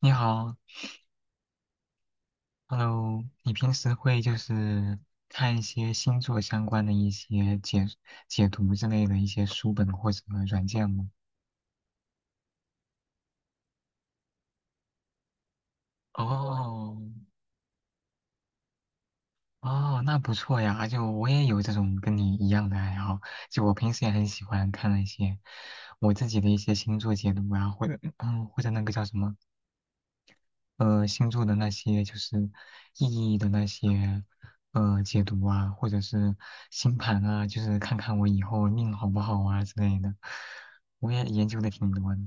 你好，Hello，你平时会就是看一些星座相关的一些解读之类的一些书本或者软件吗？哦，哦，那不错呀，就我也有这种跟你一样的爱好，就我平时也很喜欢看那些我自己的一些星座解读啊，或者或者那个叫什么星座的那些就是意义的那些解读啊，或者是星盘啊，就是看看我以后命好不好啊之类的，我也研究的挺多的。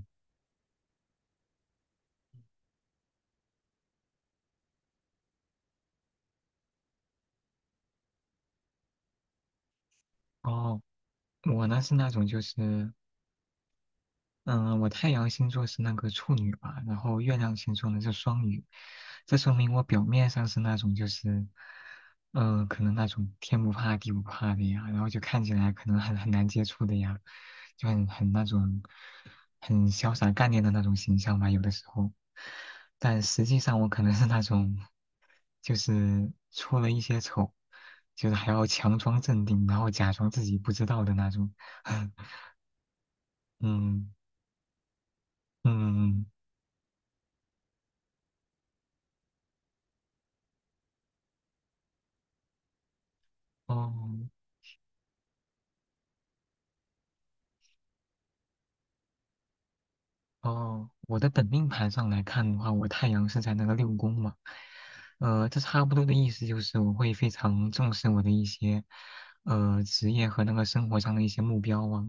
哦，我呢是那种就是。嗯，我太阳星座是那个处女吧，然后月亮星座呢是双鱼，这说明我表面上是那种就是，嗯，可能那种天不怕地不怕的呀，然后就看起来可能很难接触的呀，就很那种很潇洒干练的那种形象吧，有的时候，但实际上我可能是那种，就是出了一些丑，就是还要强装镇定，然后假装自己不知道的那种。嗯嗯。嗯，哦哦，我的本命盘上来看的话，我太阳是在那个六宫嘛。这差不多的意思就是我会非常重视我的一些职业和那个生活上的一些目标啊，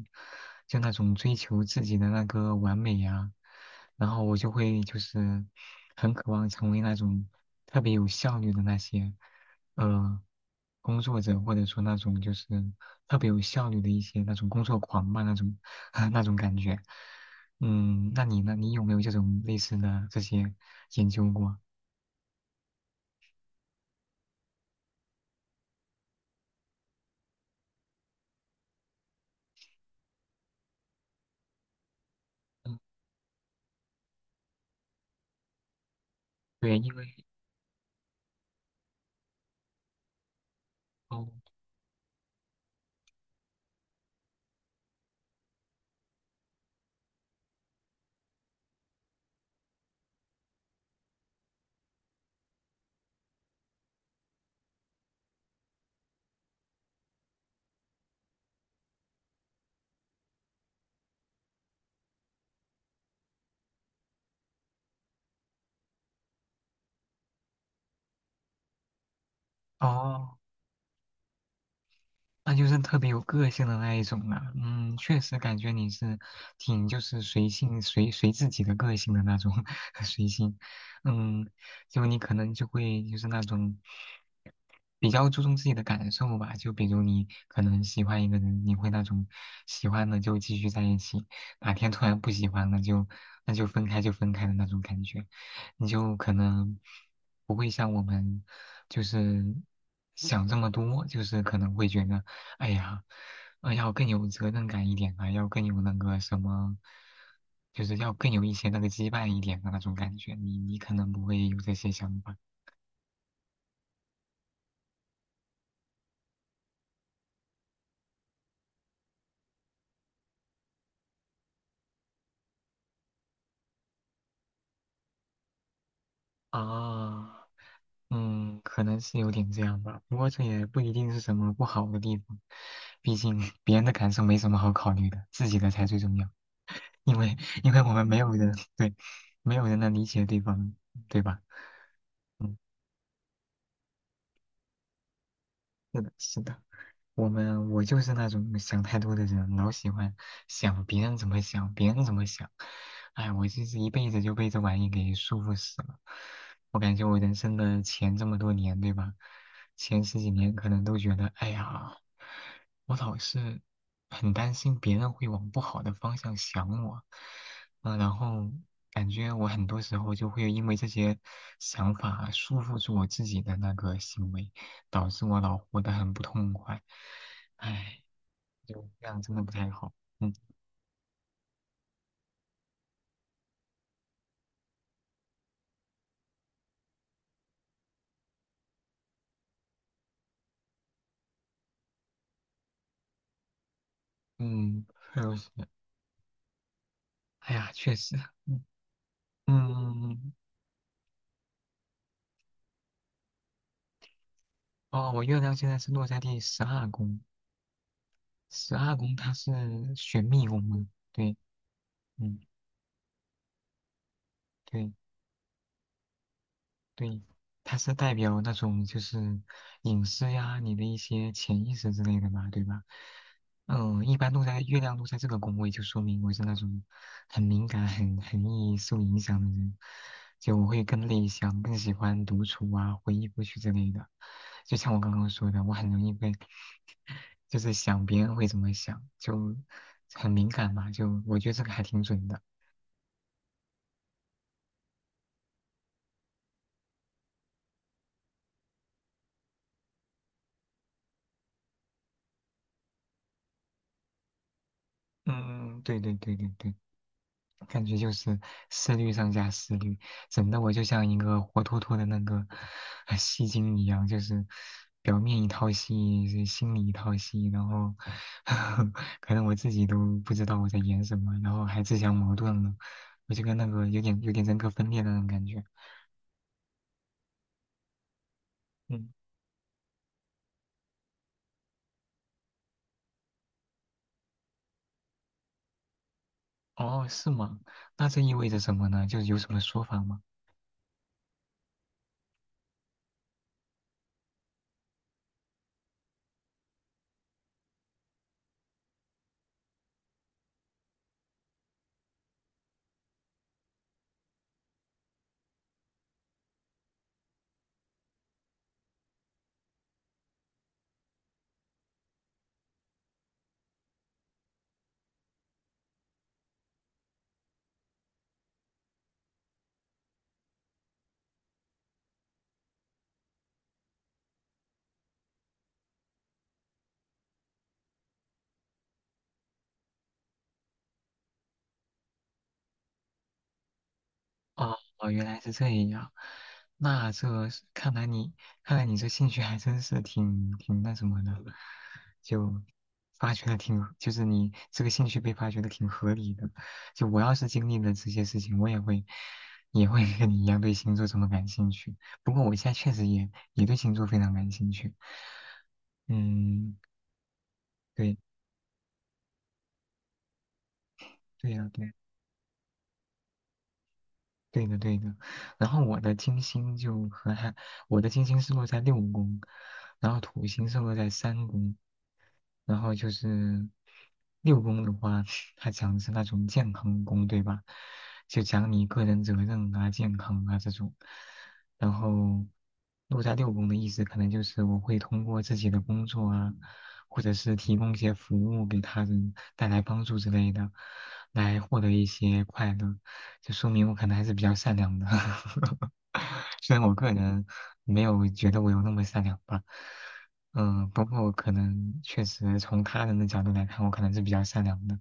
就那种追求自己的那个完美呀、然后我就会就是很渴望成为那种特别有效率的那些呃工作者，或者说那种就是特别有效率的一些那种工作狂吧，那种 那种感觉。嗯，那你呢？你有没有这种类似的这些研究过？嗯，对，哦哦。那就是特别有个性的那一种了。嗯，确实感觉你是挺就是随性随自己的个性的那种 随性。嗯，就你可能就会就是那种比较注重自己的感受吧。就比如你可能喜欢一个人，你会那种喜欢了就继续在一起，哪天突然不喜欢了就那就分开就分开的那种感觉。你就可能不会像我们就是想这么多，就是可能会觉得。哎呀，要更有责任感一点啊，要更有那个什么，就是要更有一些那个羁绊一点的那种感觉。你可能不会有这些想法。啊，嗯，可能是有点这样吧。不过这也不一定是什么不好的地方，毕竟别人的感受没什么好考虑的，自己的才最重要。因为因为我们没有人，对，没有人能理解对方，对吧？嗯，是的，是的。我就是那种想太多的人，老喜欢想别人怎么想，别人怎么想。哎，我就是一辈子就被这玩意给束缚死了。我感觉我人生的前这么多年，对吧？前十几年可能都觉得，哎呀，我老是很担心别人会往不好的方向想我，然后感觉我很多时候就会因为这些想法束缚住我自己的那个行为，导致我老活得很不痛快。哎，就这样真的不太好，嗯嗯，还有是，哎呀，确实，嗯，哦，我月亮现在是落在第十二宫，十二宫它是选密宫吗？对。嗯，对对，它是代表那种就是隐私呀，你的一些潜意识之类的嘛，对吧？嗯，一般都在月亮落在这个宫位，就说明我是那种很敏感、很易受影响的人，就我会更内向，更喜欢独处啊，回忆过去之类的。就像我刚刚说的，我很容易被，就是想别人会怎么想，就很敏感嘛，就我觉得这个还挺准的。嗯，嗯嗯，对对对对对。感觉就是思虑上加思虑，整的我就像一个活脱脱的那个戏精一样，就是表面一套戏，心里一套戏，然后 可能我自己都不知道我在演什么，然后还自相矛盾了，我就跟那个有点人格分裂的那种感觉。嗯，哦，是吗？那这意味着什么呢？就是有什么说法吗？哦，哦原来是这样。那这是看来你这兴趣还真是挺那什么的，就发掘的挺，就是你这个兴趣被发掘的挺合理的。就我要是经历了这些事情，我也会跟你一样对星座这么感兴趣。不过我现在确实也对星座非常感兴趣。嗯，对，对呀、对呀、对的，对的。然后我的金星就和他，我的金星是落在六宫，然后土星是落在三宫，然后就是六宫的话，它讲的是那种健康宫，对吧？就讲你个人责任啊、健康啊这种。然后落在六宫的意思，可能就是我会通过自己的工作啊，或者是提供一些服务给他人，带来帮助之类的，来获得一些快乐。这说明我可能还是比较善良的。虽然我个人没有觉得我有那么善良吧，嗯，不过我可能确实从他人的角度来看，我可能是比较善良的，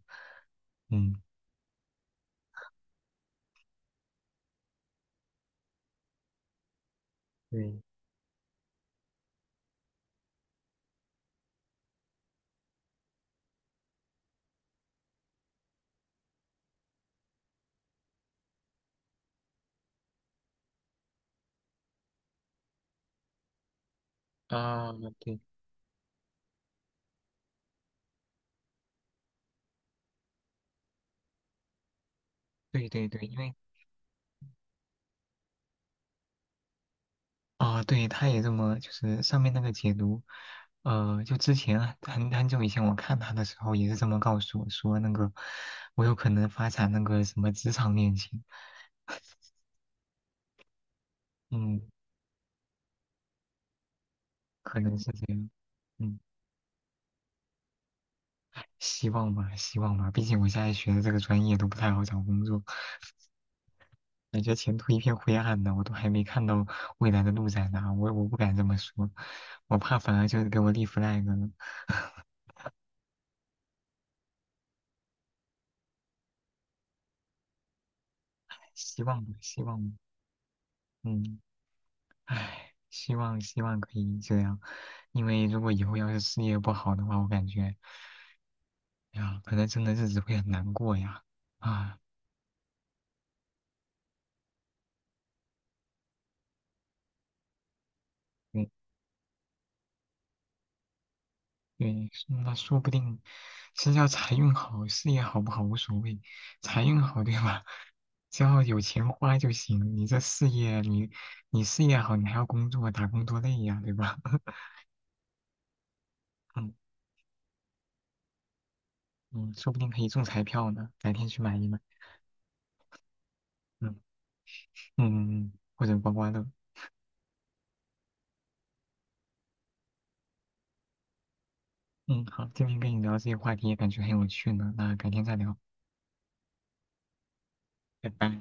嗯，对，啊，对，对对对，因为啊，对，他也这么，就是上面那个解读，就之前啊很久以前我看他的时候也是这么告诉我说，那个我有可能发展那个什么职场恋情，嗯，可能是这样，嗯。希望吧，希望吧，毕竟我现在学的这个专业都不太好找工作，感觉前途一片灰暗呢。我都还没看到未来的路在哪，我不敢这么说，我怕反而就是给我立 flag 了。希望吧，希望吧，嗯，唉，希望可以这样，因为如果以后要是事业不好的话，我感觉，哎呀，可能真的日子会很难过呀，啊，嗯。对，那说不定是要财运好，事业好不好无所谓，财运好对吧？只要有钱花就行。你这事业，你事业好，你还要工作，打工多累呀，对吧？嗯嗯，说不定可以中彩票呢，改天去买一买。嗯嗯，或者刮刮乐。嗯，好，今天跟你聊这些话题也感觉很有趣呢，那改天再聊，拜拜。